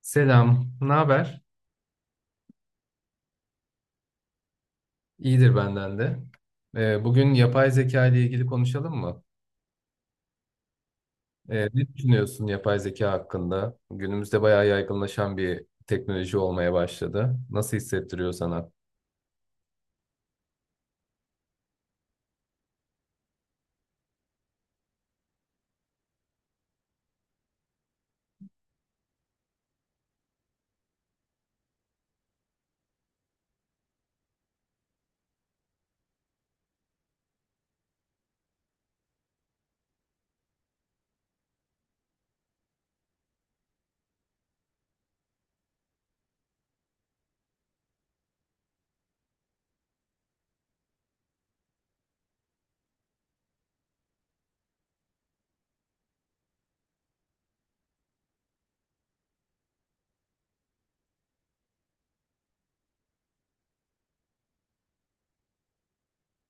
Selam, ne haber? İyidir benden de. Bugün yapay zeka ile ilgili konuşalım mı? Ne düşünüyorsun yapay zeka hakkında? Günümüzde bayağı yaygınlaşan bir teknoloji olmaya başladı. Nasıl hissettiriyor sana?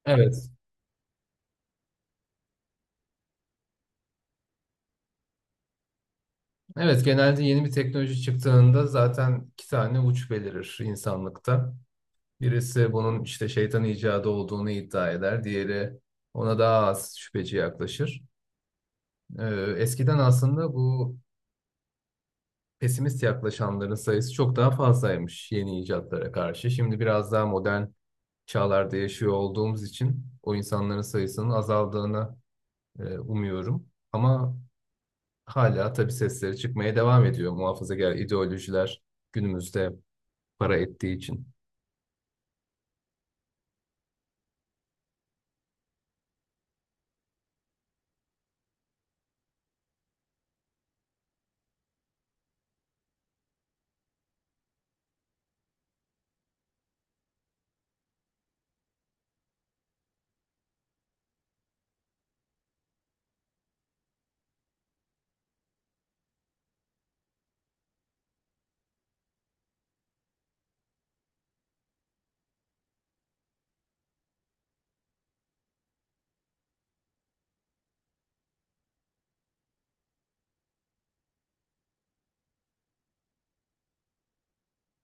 Evet. Evet, genelde yeni bir teknoloji çıktığında zaten iki tane uç belirir insanlıkta. Birisi bunun işte şeytan icadı olduğunu iddia eder, diğeri ona daha az şüpheci yaklaşır. Ee, Eskiden aslında bu pesimist yaklaşanların sayısı çok daha fazlaymış yeni icatlara karşı. Şimdi biraz daha modern çağlarda yaşıyor olduğumuz için o insanların sayısının azaldığını umuyorum. Ama hala tabii sesleri çıkmaya devam ediyor muhafazakar ideolojiler günümüzde para ettiği için.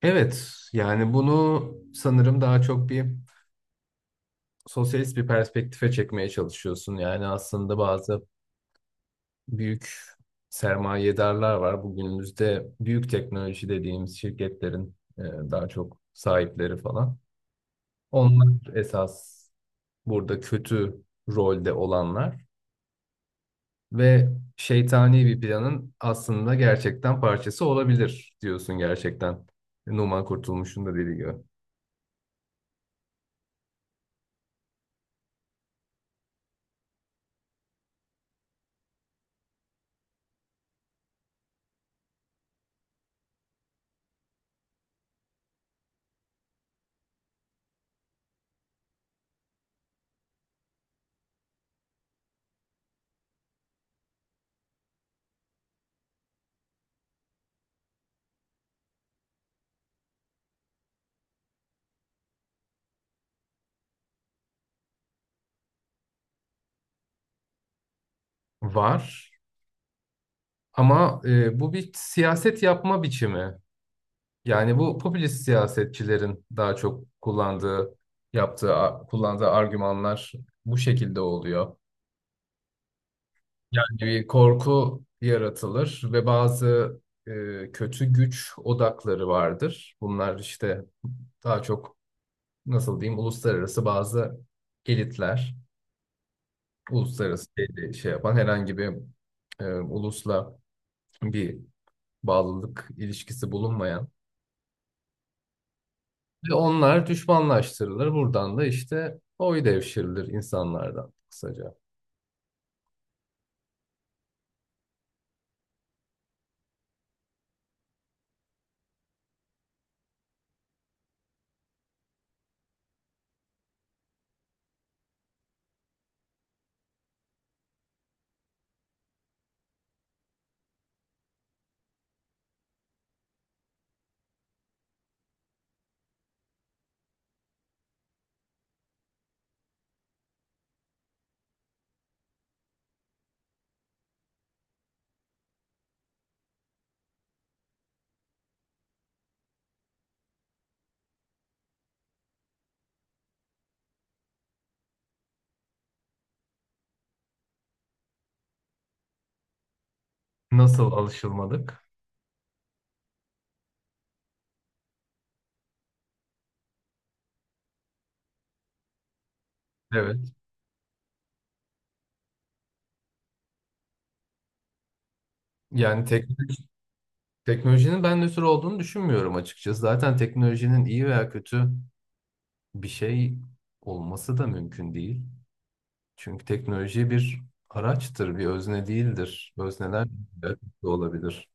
Evet, yani bunu sanırım daha çok bir sosyalist bir perspektife çekmeye çalışıyorsun. Yani aslında bazı büyük sermayedarlar var. Bugünümüzde büyük teknoloji dediğimiz şirketlerin daha çok sahipleri falan. Onlar esas burada kötü rolde olanlar ve şeytani bir planın aslında gerçekten parçası olabilir diyorsun gerçekten. Numan Kurtulmuş'un da dediği gibi. Var ama bu bir siyaset yapma biçimi. Yani bu popülist siyasetçilerin daha çok kullandığı argümanlar bu şekilde oluyor. Yani bir korku yaratılır ve bazı kötü güç odakları vardır. Bunlar işte daha çok nasıl diyeyim uluslararası bazı elitler, uluslararası şey yapan herhangi bir ulusla bir bağlılık ilişkisi bulunmayan. Ve onlar düşmanlaştırılır. Buradan da işte oy devşirilir insanlardan kısaca. Nasıl alışılmadık? Evet. Yani tek, teknolojinin ben nötr olduğunu düşünmüyorum açıkçası. Zaten teknolojinin iyi veya kötü bir şey olması da mümkün değil. Çünkü teknoloji bir araçtır, bir özne değildir. Özneler de olabilir.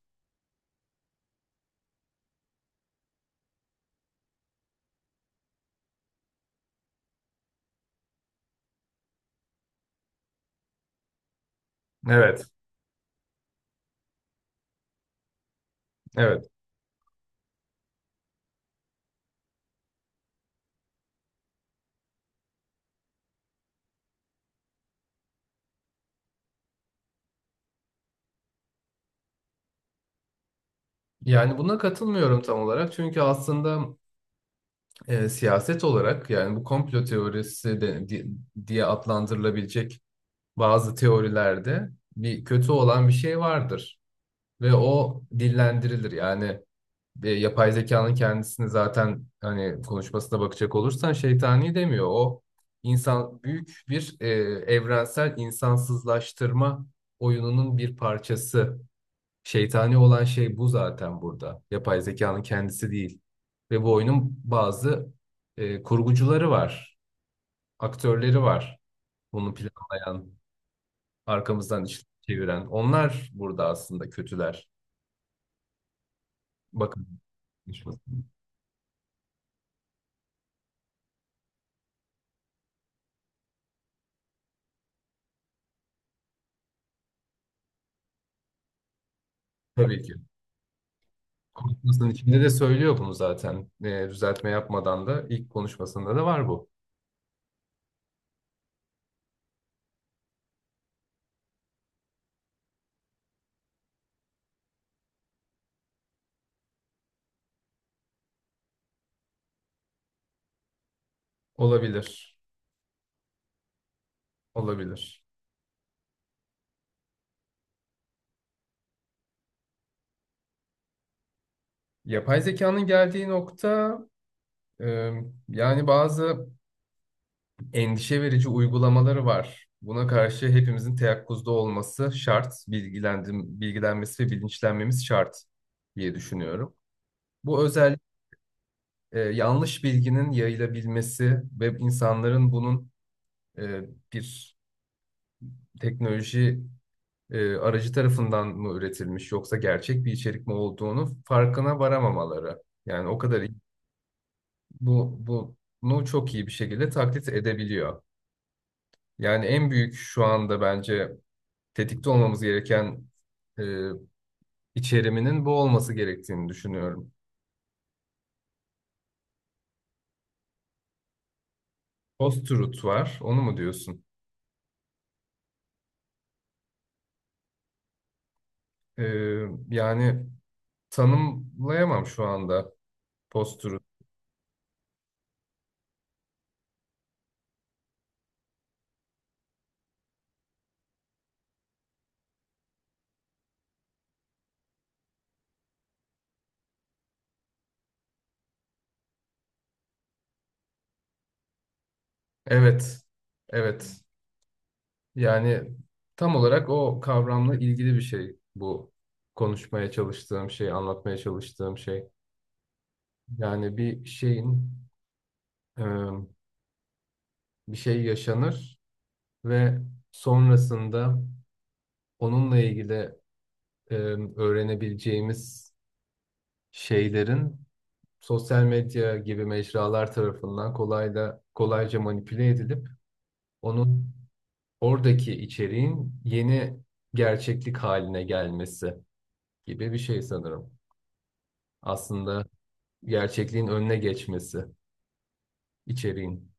Evet, evet. Yani buna katılmıyorum tam olarak. Çünkü aslında siyaset olarak yani bu komplo teorisi diye adlandırılabilecek bazı teorilerde bir kötü olan bir şey vardır ve o dillendirilir. Yani yapay zekanın kendisini zaten hani konuşmasına bakacak olursan şeytani demiyor. O insan büyük bir evrensel insansızlaştırma oyununun bir parçası. Şeytani olan şey bu zaten burada. Yapay zekanın kendisi değil. Ve bu oyunun bazı kurgucuları var, aktörleri var. Bunu planlayan, arkamızdan iş çeviren. Onlar burada aslında kötüler. Bakın. Tabii ki. Konuşmasının içinde de söylüyor bunu zaten. E, düzeltme yapmadan da ilk konuşmasında da var bu. Olabilir. Olabilir. Yapay zekanın geldiği nokta, e, yani bazı endişe verici uygulamaları var. Buna karşı hepimizin teyakkuzda olması şart, bilgilendim, bilgilenmesi ve bilinçlenmemiz şart diye düşünüyorum. Bu özel yanlış bilginin yayılabilmesi ve insanların bunun e, bir teknoloji aracı tarafından mı üretilmiş yoksa gerçek bir içerik mi olduğunu farkına varamamaları. Yani o kadar iyi- bu bu- bunu çok iyi bir şekilde taklit edebiliyor. Yani en büyük şu anda bence tetikte olmamız gereken e, içeriminin bu olması gerektiğini düşünüyorum. Post-truth var, onu mu diyorsun? E, yani tanımlayamam şu anda post-truth. Evet, evet. Yani tam olarak o kavramla ilgili bir şey bu konuşmaya çalıştığım şey, anlatmaya çalıştığım şey. Yani bir şeyin, e, bir şey yaşanır ve sonrasında onunla ilgili e, öğrenebileceğimiz şeylerin sosyal medya gibi mecralar tarafından kolayca manipüle edilip onun oradaki içeriğin yeni gerçeklik haline gelmesi gibi bir şey sanırım. Aslında gerçekliğin önüne geçmesi içeriğin.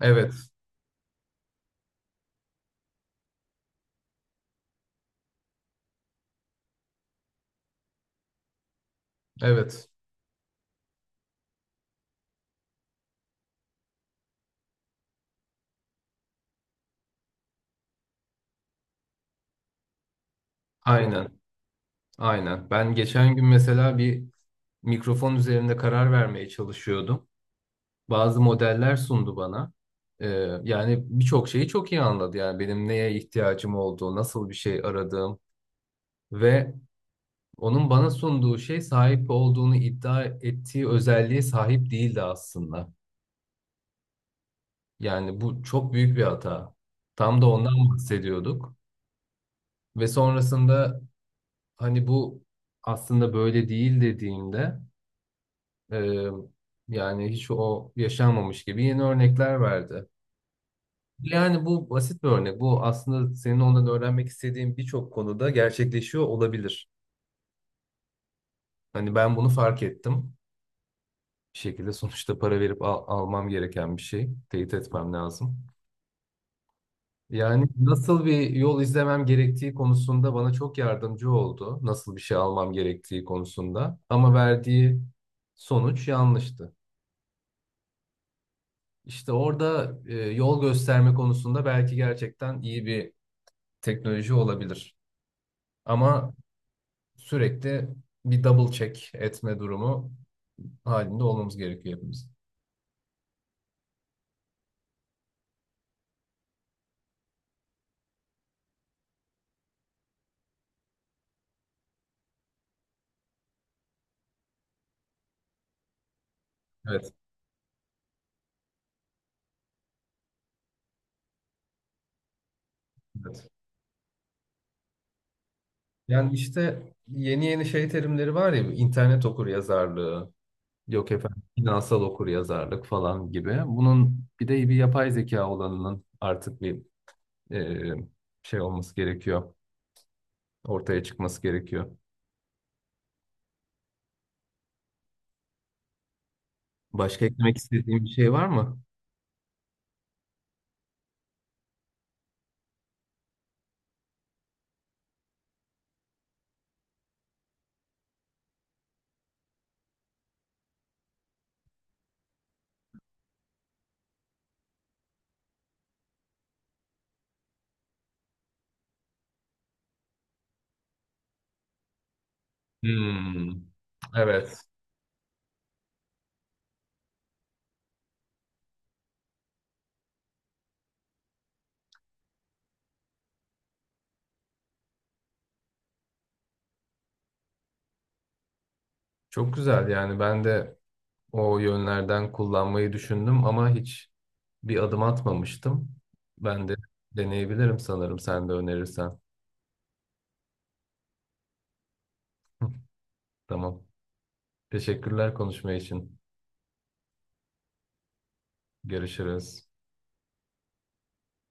Evet, evet. Aynen, aynen. Ben geçen gün mesela bir mikrofon üzerinde karar vermeye çalışıyordum. Bazı modeller sundu bana. Ee, yani birçok şeyi çok iyi anladı. Yani benim neye ihtiyacım olduğu, nasıl bir şey aradığım ve onun bana sunduğu şey sahip olduğunu iddia ettiği özelliğe sahip değildi aslında. Yani bu çok büyük bir hata. Tam da ondan bahsediyorduk. Ve sonrasında hani bu aslında böyle değil dediğimde, e, yani hiç o yaşanmamış gibi yeni örnekler verdi. Yani bu basit bir örnek. Bu aslında senin ondan öğrenmek istediğin birçok konuda gerçekleşiyor olabilir. Hani ben bunu fark ettim. Bir şekilde sonuçta almam gereken bir şey. Teyit etmem lazım. Yani nasıl bir yol izlemem gerektiği konusunda bana çok yardımcı oldu. Nasıl bir şey almam gerektiği konusunda. Ama verdiği sonuç yanlıştı. İşte orada yol gösterme konusunda belki gerçekten iyi bir teknoloji olabilir. Ama sürekli bir double check etme durumu halinde olmamız gerekiyor hepimiz. Evet, evet. Yani işte yeni yeni şey terimleri var ya, internet okur yazarlığı, yok efendim finansal okur yazarlık falan gibi. Bunun bir de bir yapay zeka olanının artık bir e, şey olması gerekiyor, ortaya çıkması gerekiyor. Başka eklemek istediğim bir şey var mı? Hmm, evet. Çok güzel, yani ben de o yönlerden kullanmayı düşündüm ama hiç bir adım atmamıştım. Ben de deneyebilirim sanırım sen de önerirsen. Tamam. Teşekkürler konuşma için. Görüşürüz.